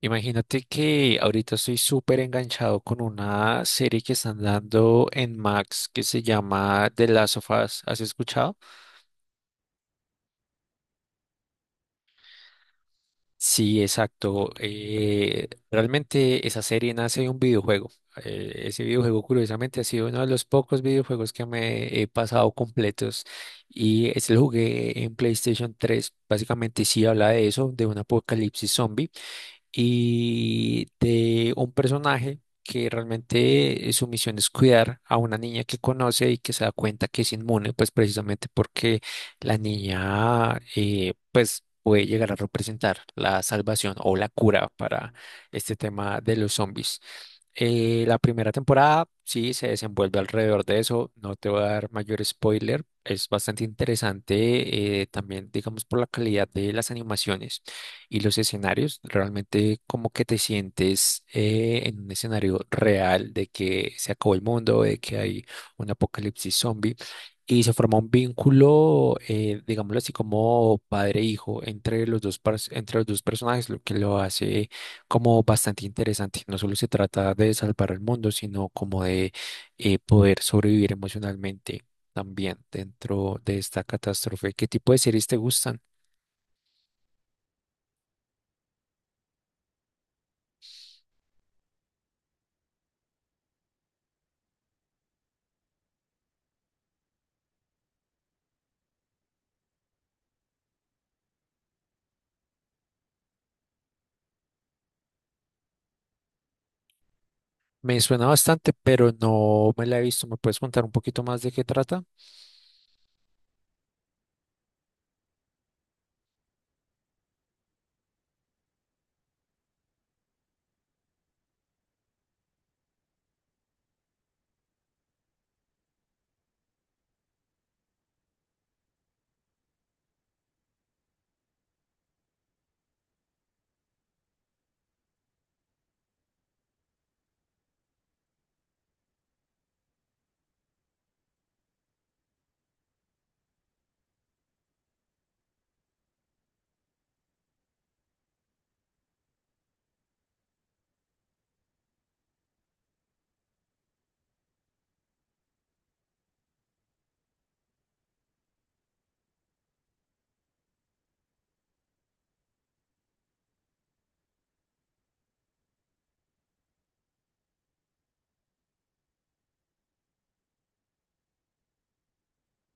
Imagínate que ahorita estoy súper enganchado con una serie que están dando en Max que se llama The Last of Us. ¿Has escuchado? Sí, exacto. Realmente esa serie nace de un videojuego. Ese videojuego, curiosamente, ha sido uno de los pocos videojuegos que me he pasado completos. Y ese lo jugué en PlayStation 3. Básicamente sí habla de eso, de un apocalipsis zombie. Y de un personaje que realmente su misión es cuidar a una niña que conoce y que se da cuenta que es inmune, pues precisamente porque la niña pues puede llegar a representar la salvación o la cura para este tema de los zombies. La primera temporada sí se desenvuelve alrededor de eso, no te voy a dar mayor spoiler, es bastante interesante, también digamos por la calidad de las animaciones y los escenarios, realmente como que te sientes en un escenario real de que se acabó el mundo, de que hay un apocalipsis zombie y se forma un vínculo, digámoslo así como padre-hijo entre los dos, entre los dos personajes, lo que lo hace como bastante interesante. No solo se trata de salvar el mundo, sino como de, poder sobrevivir emocionalmente también dentro de esta catástrofe. ¿Qué tipo de series te gustan? Me suena bastante, pero no me la he visto. ¿Me puedes contar un poquito más de qué trata?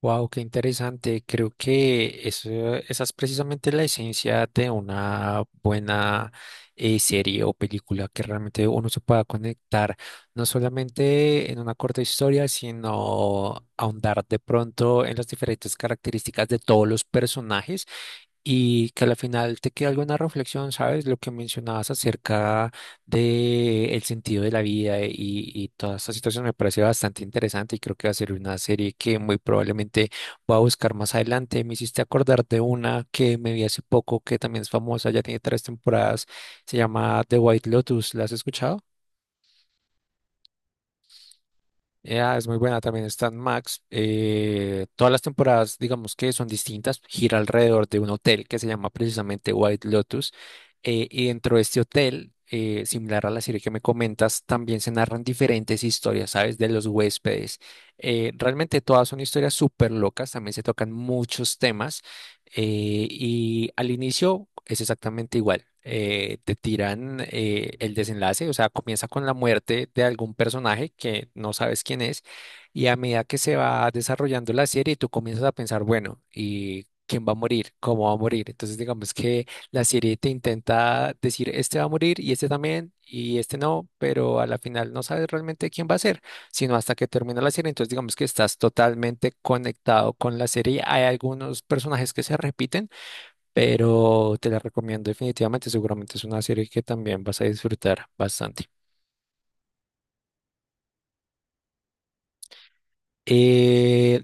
Wow, qué interesante. Creo que eso, esa es precisamente la esencia de una buena, serie o película, que realmente uno se pueda conectar no solamente en una corta historia, sino ahondar de pronto en las diferentes características de todos los personajes y que al final te quede alguna reflexión, ¿sabes? Lo que mencionabas acerca de el sentido de la vida y toda esta situación me parece bastante interesante y creo que va a ser una serie que muy probablemente voy a buscar más adelante. Me hiciste acordar de una que me vi hace poco que también es famosa, ya tiene tres temporadas, se llama The White Lotus, ¿la has escuchado? Ya, es muy buena, también está en Max. Todas las temporadas, digamos que son distintas, gira alrededor de un hotel que se llama precisamente White Lotus. Y dentro de este hotel, similar a la serie que me comentas, también se narran diferentes historias, ¿sabes? De los huéspedes. Realmente todas son historias súper locas, también se tocan muchos temas. Y al inicio es exactamente igual. Te tiran, el desenlace, o sea, comienza con la muerte de algún personaje que no sabes quién es, y a medida que se va desarrollando la serie, tú comienzas a pensar, bueno, ¿y quién va a morir? ¿Cómo va a morir? Entonces, digamos que la serie te intenta decir, este va a morir y este también, y este no, pero a la final no sabes realmente quién va a ser sino hasta que termina la serie. Entonces, digamos que estás totalmente conectado con la serie. Hay algunos personajes que se repiten, pero te la recomiendo definitivamente. Seguramente es una serie que también vas a disfrutar bastante. Eh,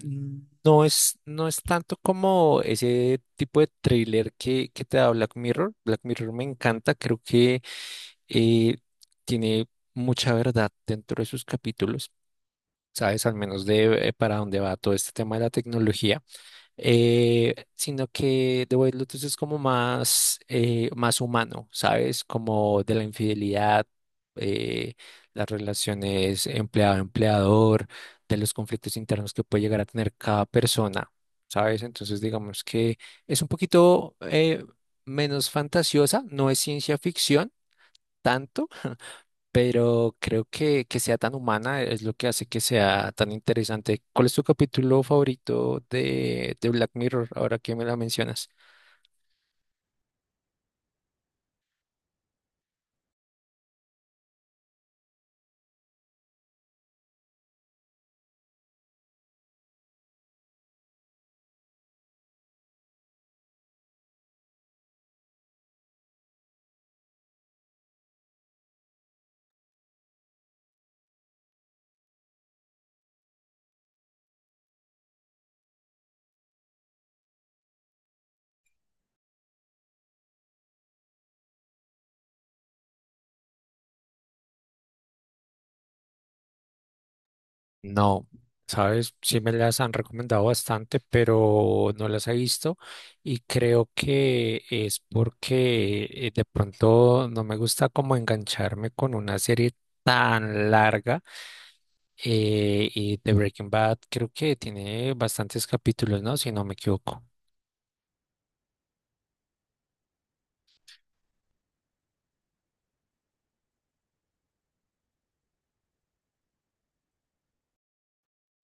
no es tanto como ese tipo de thriller que te da Black Mirror. Black Mirror me encanta, creo que eh, tiene mucha verdad dentro de sus capítulos. Sabes al menos de, para dónde va todo este tema de la tecnología. Sino que The White Lotus es como más, más humano, ¿sabes? Como de la infidelidad, eh, las relaciones empleado-empleador, de los conflictos internos que puede llegar a tener cada persona, ¿sabes? Entonces, digamos que es un poquito menos fantasiosa, no es ciencia ficción tanto, pero creo que sea tan humana es lo que hace que sea tan interesante. ¿Cuál es tu capítulo favorito de Black Mirror, ahora que me la mencionas? No, sabes, sí me las han recomendado bastante, pero no las he visto y creo que es porque de pronto no me gusta como engancharme con una serie tan larga, y The Breaking Bad creo que tiene bastantes capítulos, ¿no? Si no me equivoco.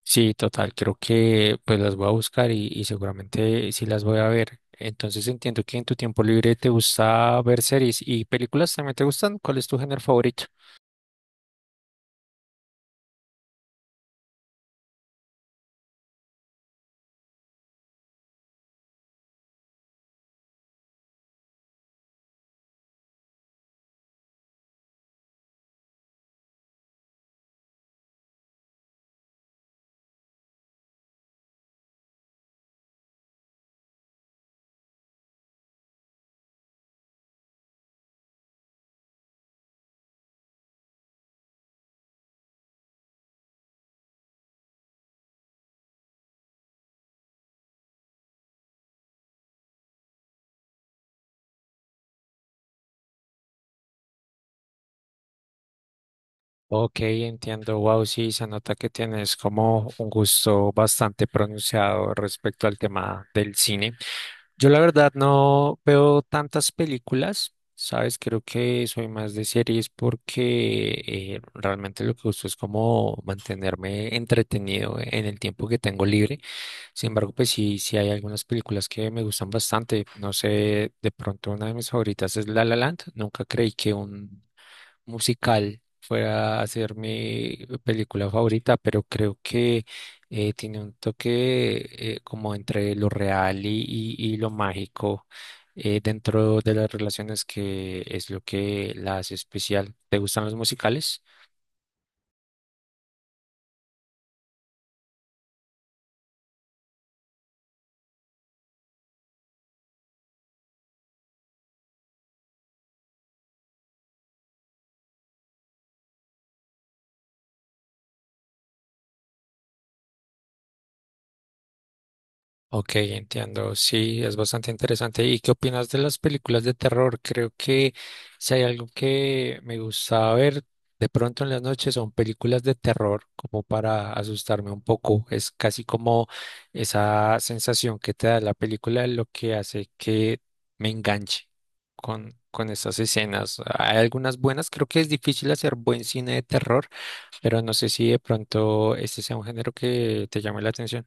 Sí, total, creo que pues las voy a buscar y seguramente sí las voy a ver. Entonces entiendo que en tu tiempo libre te gusta ver series y películas también te gustan. ¿Cuál es tu género favorito? Ok, entiendo. Wow, sí, se nota que tienes como un gusto bastante pronunciado respecto al tema del cine. Yo la verdad no veo tantas películas, ¿sabes? Creo que soy más de series porque realmente lo que gusto es como mantenerme entretenido en el tiempo que tengo libre. Sin embargo, pues sí hay algunas películas que me gustan bastante. No sé, de pronto una de mis favoritas es La La Land. Nunca creí que un musical fuera a ser mi película favorita, pero creo que tiene un toque, como entre lo real y lo mágico, dentro de las relaciones que es lo que la hace especial. ¿Te gustan los musicales? Ok, entiendo. Sí, es bastante interesante. ¿Y qué opinas de las películas de terror? Creo que si hay algo que me gusta ver de pronto en las noches son películas de terror, como para asustarme un poco. Es casi como esa sensación que te da la película lo que hace que me enganche con estas escenas. Hay algunas buenas, creo que es difícil hacer buen cine de terror, pero no sé si de pronto este sea un género que te llame la atención.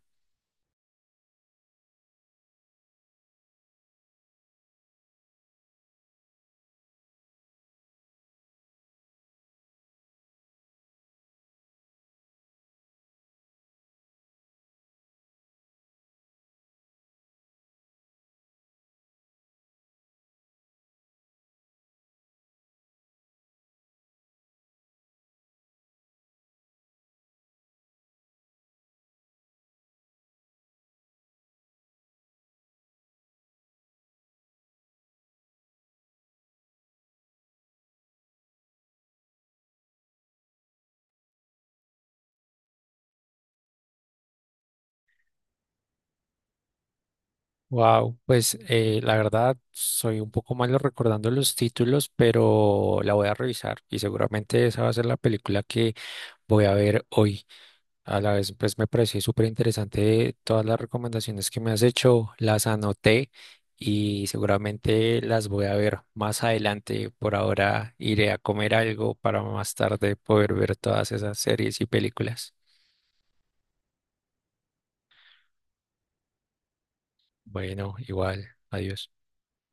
Wow, pues la verdad soy un poco malo recordando los títulos, pero la voy a revisar y seguramente esa va a ser la película que voy a ver hoy. A la vez, pues me pareció súper interesante todas las recomendaciones que me has hecho, las anoté y seguramente las voy a ver más adelante. Por ahora iré a comer algo para más tarde poder ver todas esas series y películas. Bueno, igual, adiós.